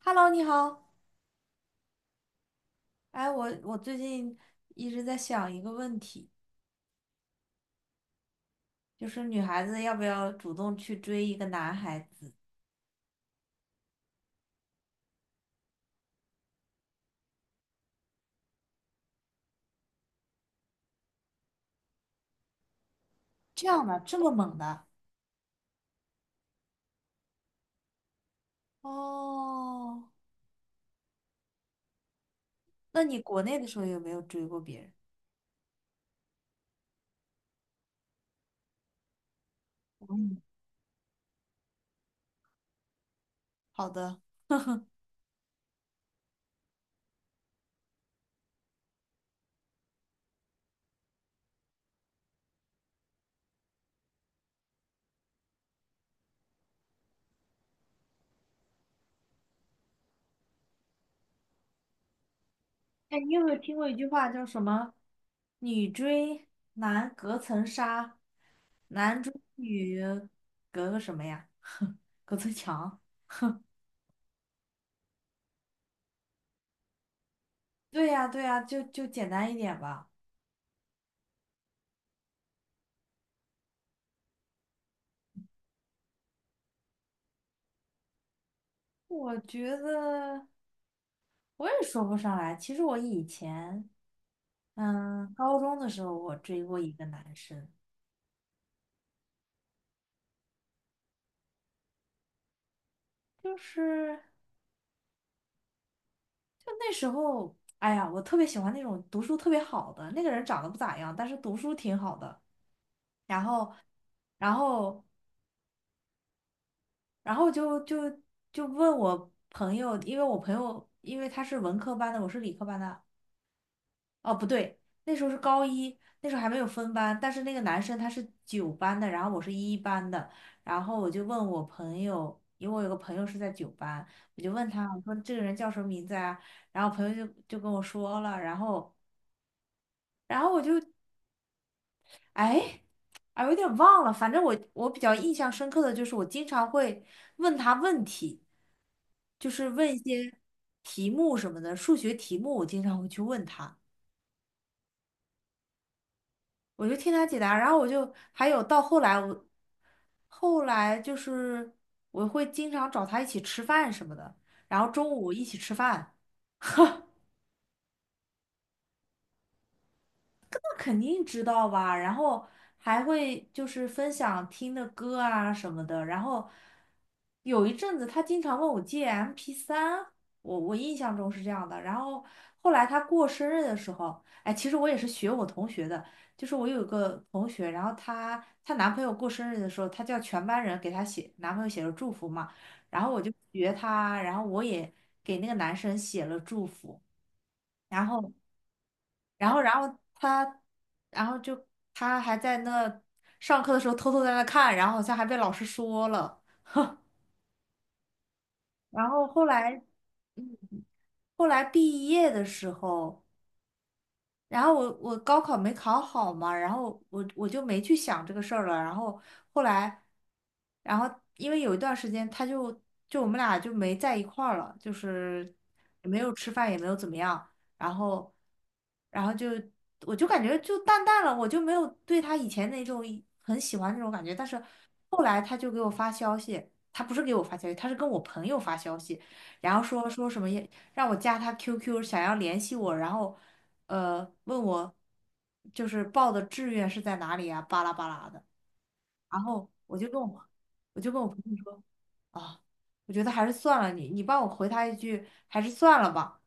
Hello，你好。哎，我最近一直在想一个问题，就是女孩子要不要主动去追一个男孩子？这样的，这么猛的？哦，那你国内的时候有没有追过别人？嗯，好的。哎，你有没有听过一句话叫什么？女追男隔层纱，男追女隔个什么呀？隔层墙。对呀，对呀，就简单一点吧。我觉得。我也说不上来。其实我以前，高中的时候我追过一个男生，就是就那时候，哎呀，我特别喜欢那种读书特别好的，那个人长得不咋样，但是读书挺好的。然后，然后，然后就问我朋友，因为我朋友因为他是文科班的，我是理科班的，哦，不对，那时候是高一，那时候还没有分班，但是那个男生他是九班的，然后我是一班的，然后我就问我朋友，因为我有个朋友是在九班，我就问他，我说这个人叫什么名字啊？然后朋友就跟我说了，然后我就哎啊有点忘了，反正我比较印象深刻的就是我经常会问他问题，就是问一些题目什么的，数学题目我经常会去问他。我就听他解答，然后我就还有到后来我，后来就是我会经常找他一起吃饭什么的，然后中午一起吃饭，肯定知道吧，然后还会就是分享听的歌啊什么的，然后有一阵子他经常问我借 MP3，我印象中是这样的，然后后来他过生日的时候，哎，其实我也是学我同学的，就是我有一个同学，然后她男朋友过生日的时候，她叫全班人给她写男朋友写了祝福嘛，然后我就学她，然后我也给那个男生写了祝福。然后。然后然后他，然后就他还在那上课的时候偷偷在那看，然后好像还被老师说了。然后后来毕业的时候。然后我高考没考好嘛，然后我就没去想这个事儿了。然后后来，然后因为有一段时间，他就我们俩就没在一块儿了，就是也没有吃饭，也没有怎么样。然后，然后我就感觉就淡淡了，我就没有对他以前那种很喜欢那种感觉。但是后来他就给我发消息，他不是给我发消息，他是跟我朋友发消息，然后说什么也让我加他 QQ，想要联系我，然后。问我就是报的志愿是在哪里啊，巴拉巴拉的。然后我就跟我朋友说啊，我觉得还是算了你，你帮我回他一句，还是算了吧。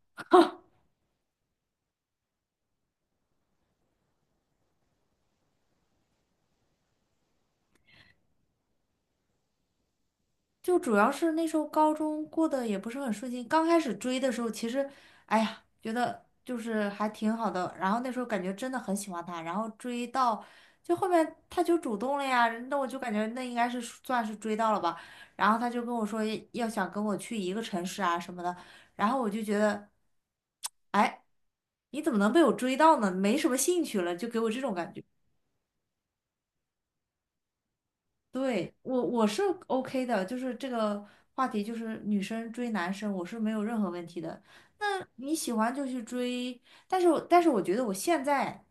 就主要是那时候高中过得也不是很顺心，刚开始追的时候，其实，哎呀，觉得就是还挺好的。然后那时候感觉真的很喜欢他，然后追到就后面他就主动了呀，那我就感觉那应该是算是追到了吧。然后他就跟我说要想跟我去一个城市啊什么的，然后我就觉得，哎，你怎么能被我追到呢？没什么兴趣了，就给我这种感觉。对，我是 OK 的，就是这个话题，就是女生追男生，我是没有任何问题的。那你喜欢就去追，但是我觉得我现在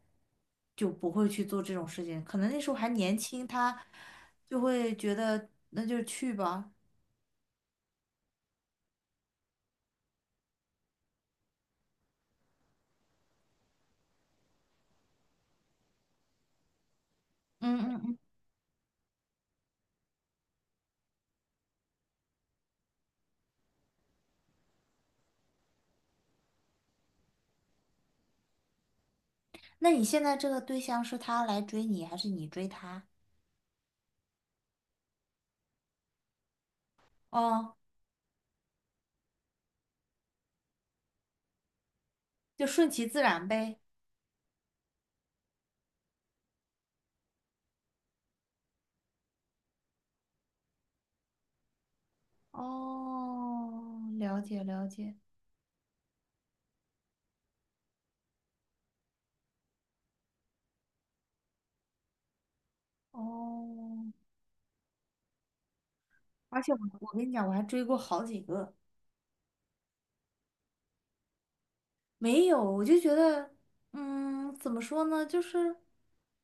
就不会去做这种事情，可能那时候还年轻，他就会觉得那就去吧。嗯嗯嗯。那你现在这个对象是他来追你，还是你追他？哦，就顺其自然呗。哦，了解了解。哦。而且我跟你讲，我还追过好几个，没有，我就觉得，嗯，怎么说呢，就是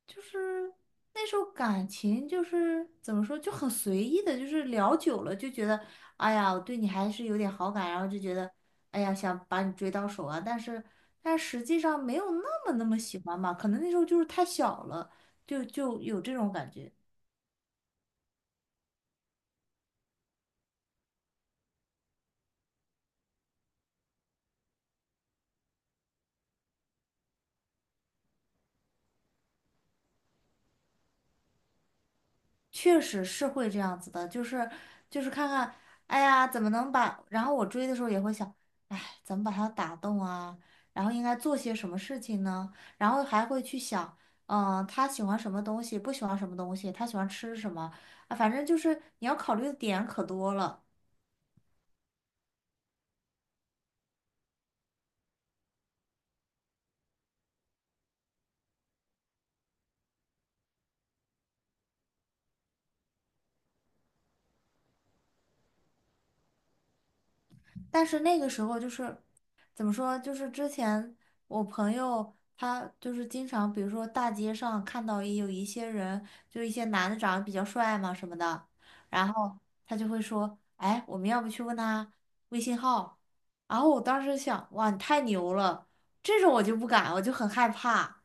就是那时候感情就是怎么说，就很随意的，就是聊久了就觉得，哎呀，我对你还是有点好感，然后就觉得，哎呀，想把你追到手啊，但实际上没有那么那么喜欢吧，可能那时候就是太小了，就有这种感觉。确实是会这样子的，就是看看，哎呀，怎么能把？然后我追的时候也会想，哎，怎么把他打动啊？然后应该做些什么事情呢？然后还会去想，他喜欢什么东西，不喜欢什么东西，他喜欢吃什么啊？反正就是你要考虑的点可多了。但是那个时候就是怎么说，就是之前我朋友他就是经常，比如说大街上看到也有一些人，就一些男的长得比较帅嘛什么的，然后他就会说，哎，我们要不去问他微信号？然后我当时想，哇，你太牛了，这种我就不敢，我就很害怕。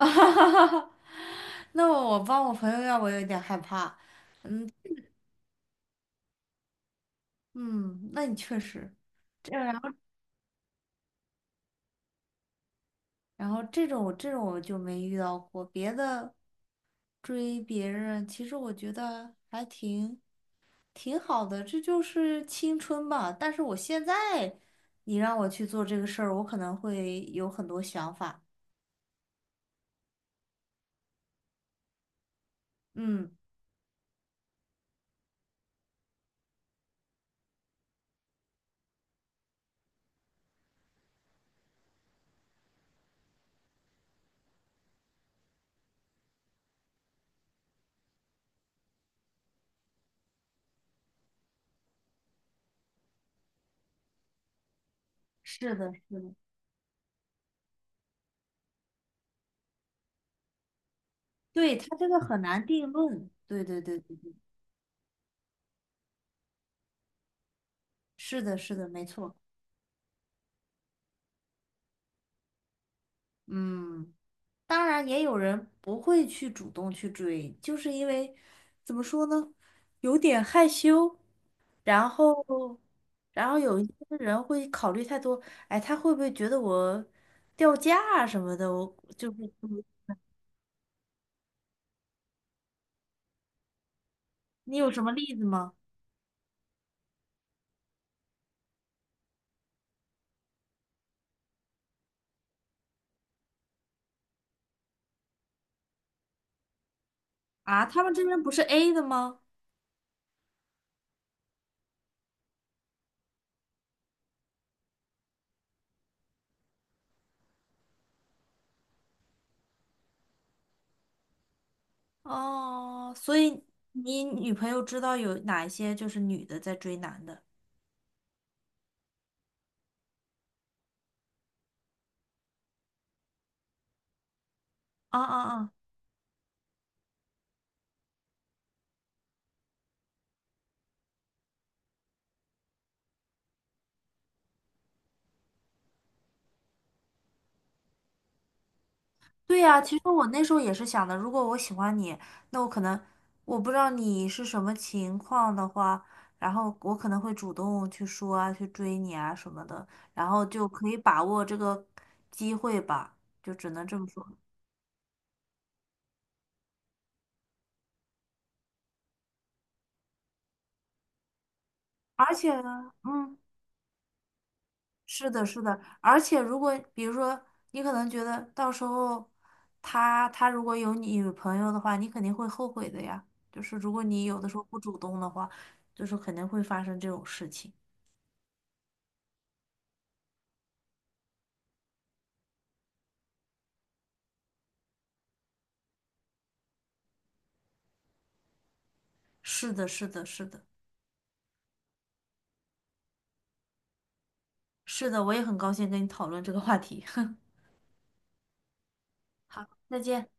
那我帮我朋友要，我有点害怕。嗯嗯，那你确实。这样。然后这种我就没遇到过，别的追别人，其实我觉得还挺好的，这就是青春吧。但是我现在，你让我去做这个事儿，我可能会有很多想法。嗯，是的，是的，对，他这个很难定论。对对对对对，是的，是的，没错。嗯，当然也有人不会去主动去追，就是因为怎么说呢，有点害羞。然后，然后有一些人会考虑太多，哎，他会不会觉得我掉价啊什么的？我就是，嗯你有什么例子吗？啊，他们这边不是 A 的吗？哦，所以你女朋友知道有哪一些就是女的在追男的？啊啊啊！对呀，其实我那时候也是想的，如果我喜欢你，那我可能我不知道你是什么情况的话，然后我可能会主动去说啊，去追你啊什么的，然后就可以把握这个机会吧，就只能这么说。而且呢，嗯，是的，是的，而且如果比如说你可能觉得到时候他如果有女朋友的话，你肯定会后悔的呀。就是如果你有的时候不主动的话，就是肯定会发生这种事情。是的，是的，是的，是的，我也很高兴跟你讨论这个话题。好，再见。